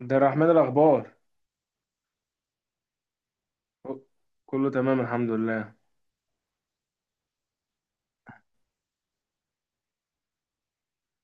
عبد الرحمن الأخبار. كله تمام الحمد لله.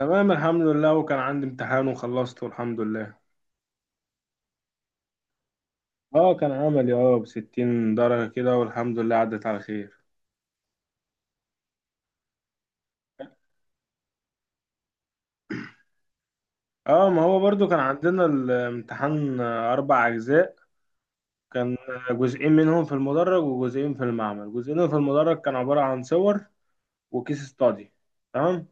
تمام الحمد لله، وكان عندي امتحان وخلصته الحمد لله. اه كان عملي ب60 درجة كده، والحمد لله عدت على خير. اه، ما هو برضو كان عندنا الامتحان، أربع أجزاء. كان جزئين منهم في المدرج وجزئين في المعمل. جزئين في المدرج كان عبارة عن صور وكيس استادي. تمام.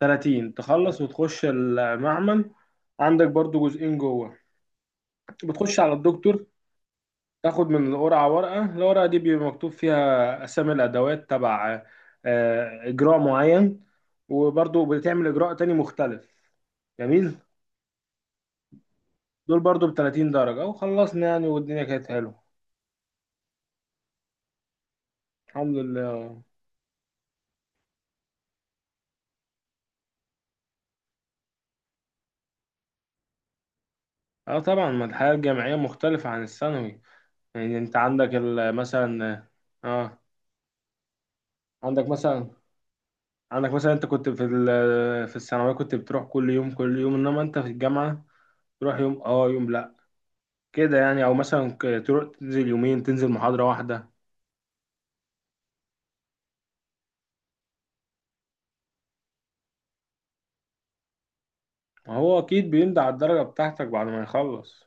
30 تخلص وتخش المعمل. عندك برضو جزئين جوه، بتخش على الدكتور، تاخد من القرعة ورقة. الورقة دي بيبقى مكتوب فيها أسامي الأدوات تبع إجراء معين، وبرضو بتعمل إجراء تاني مختلف. جميل. دول برضو ب30 درجة، وخلصنا يعني والدنيا كانت حلوة. الحمد لله. اه طبعا، ما الحياة الجامعية مختلفة عن الثانوي. يعني انت عندك مثلا، اه، عندك مثلا عندك مثلا انت كنت في في الثانوية كنت بتروح كل يوم كل يوم، انما انت في الجامعة تروح يوم اه يوم لا، كده يعني. او مثلا تروح تنزل يومين، تنزل محاضرة واحدة. ما هو اكيد بيمضي على الدرجة بتاعتك بعد ما يخلص.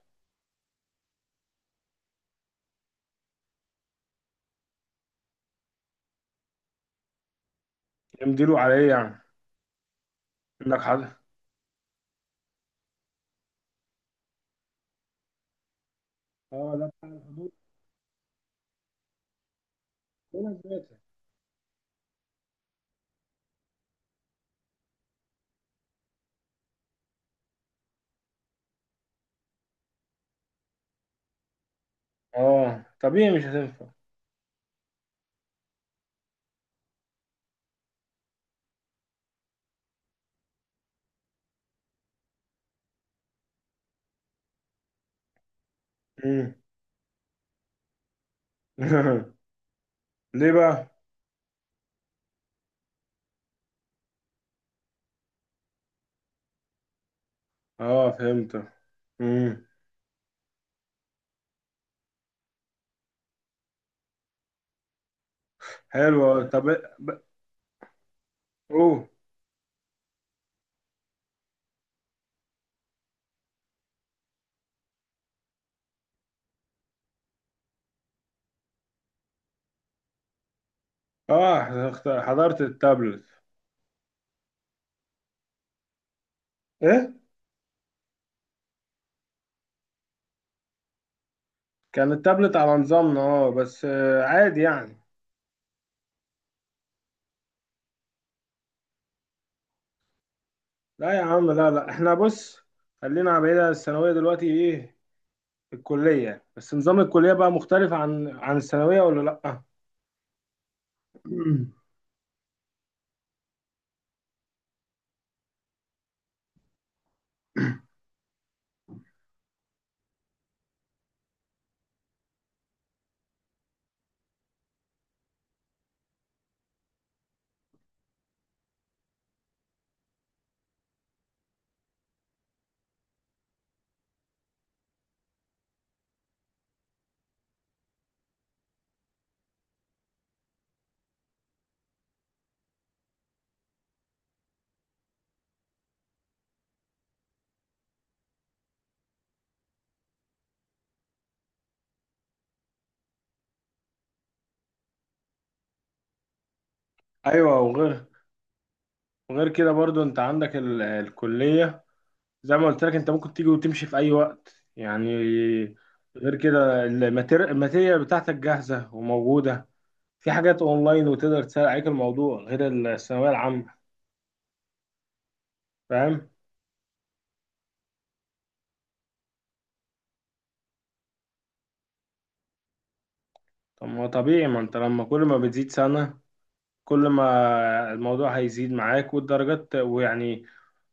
يمديله عليه يعني. عندك حد؟ اه، لا، بتاع الحضور ولا الذاكرة. اه طبيعي مش هتنفع. مم. ليه بقى؟ اه فهمت. امم. حلو. طب اوه. اه، حضرت التابلت. ايه، كان التابلت على نظامنا، بس عادي يعني. لا يا عم، لا لا، احنا بص، خلينا بعيد عن الثانوية دلوقتي. ايه الكلية، بس نظام الكلية بقى مختلف عن عن الثانوية ولا لأ؟ أيوه. وغير، وغير كده برضو أنت عندك الكلية، زي ما قلت لك، أنت ممكن تيجي وتمشي في أي وقت يعني. غير كده الماتيريال بتاعتك جاهزة وموجودة، في حاجات أونلاين وتقدر تسهل عليك الموضوع، غير الثانوية العامة. فاهم؟ طب ما طبيعي، ما أنت لما كل ما بتزيد سنة، كل ما الموضوع هيزيد معاك والدرجات ويعني،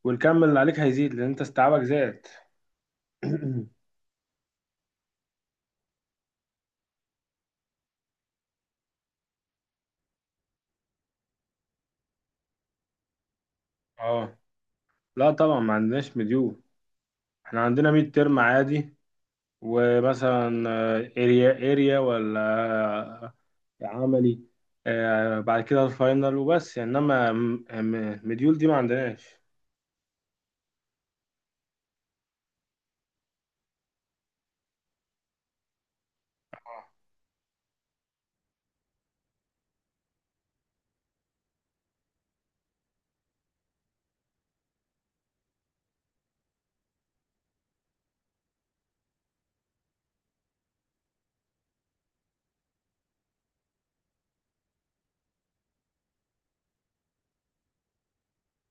والكم اللي عليك هيزيد لأن أنت استيعابك زاد. اه. لا طبعا، ما عندناش مديول، احنا عندنا ميد ترم عادي. ومثلا اريا ولا آه، عملي، بعد كده الفاينل وبس. انما مديول دي ما عندناش.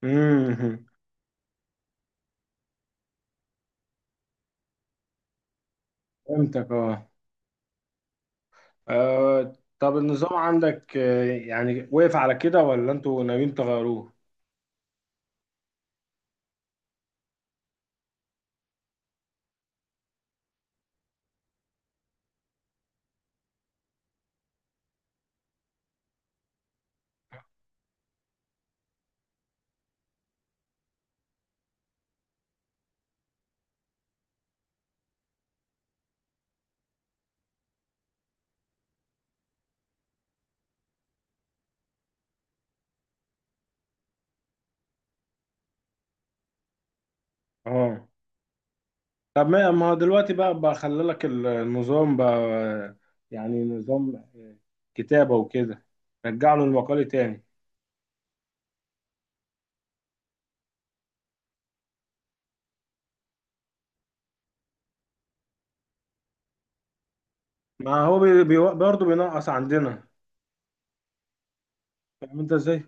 امم. فهمتك. اه آه، طب النظام عندك يعني وقف على كده ولا انتوا ناويين تغيروه؟ اه. طب ما هو دلوقتي بقى بخلي لك النظام بقى يعني نظام كتابة وكده، رجع له المقالي تاني. ما هو بي برضه بينقص عندنا. فاهم انت ازاي؟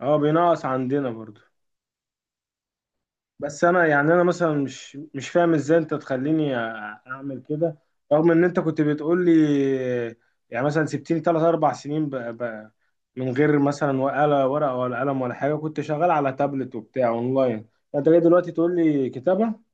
اه، بينقص عندنا برضه. بس انا يعني، انا مثلا مش فاهم ازاي انت تخليني اعمل كده، رغم ان انت كنت بتقول لي. يعني مثلا سبتني ثلاث اربع سنين من غير مثلا ولا ورقة ولا قلم ولا حاجة، كنت شغال على تابلت وبتاع اونلاين. انت جاي دلوقتي تقول لي كتابة؟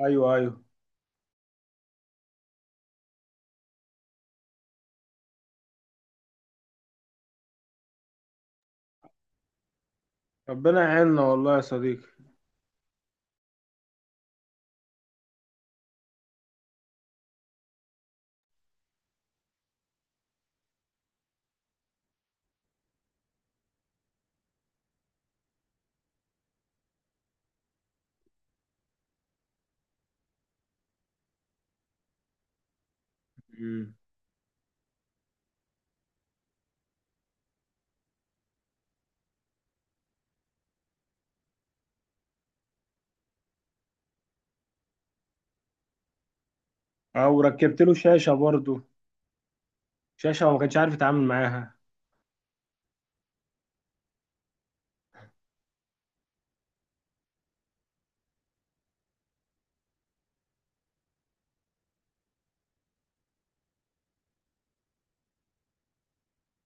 ايوه، ايوه. ربنا يعيننا والله يا صديقي. مم. او ركبت له شاشة برضو. شاشة وما كانش عارف يتعامل معاها.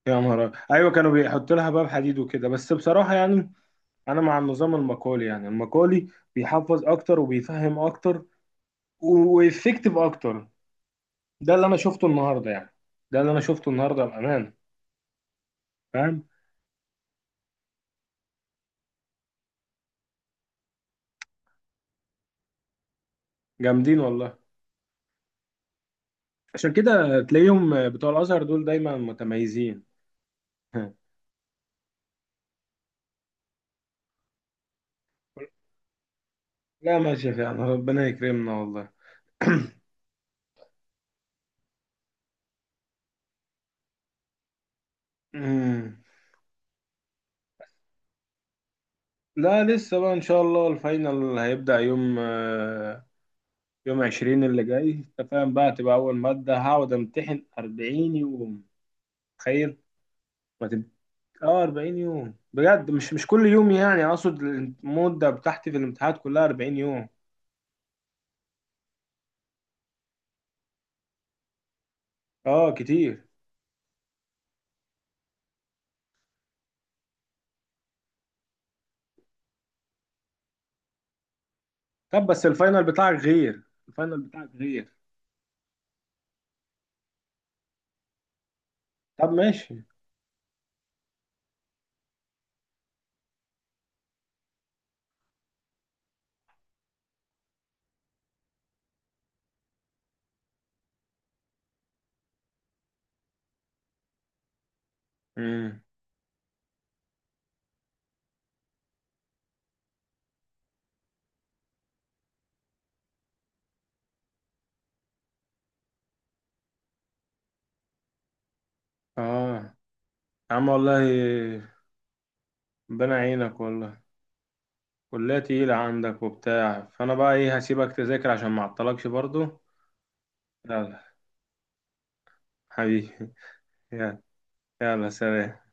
يا نهار أبيض. ايوه، كانوا بيحطوا لها باب حديد وكده. بس بصراحة يعني، انا مع النظام المقالي. يعني المقالي بيحفظ اكتر وبيفهم اكتر وافكتيف اكتر. ده اللي انا شفته النهاردة يعني. ده اللي انا شفته النهاردة بأمان. فاهم؟ جامدين والله. عشان كده تلاقيهم بتوع الازهر دول دايما متميزين. لا، ماشي فعلا، ربنا يكرمنا والله. لا لسه بقى، ان شاء الله الفاينل هيبدأ يوم يوم 20 اللي جاي. انت فاهم بقى؟ تبقى أول مادة هقعد أمتحن 40 يوم. تخيل. ما تب... اه 40 يوم بجد. مش كل يوم يعني، أقصد المدة بتاعتي في الامتحانات كلها 40 يوم. اه كتير. طب بس الفاينل بتاعك غير. طب ماشي. امم. اه يا عم والله. ربنا يعينك والله. كلية تقيلة عندك وبتاع، فأنا بقى إيه، هسيبك تذاكر عشان ما أعطلكش برضو. يلا حبيبي، يلا. يلا، سلام.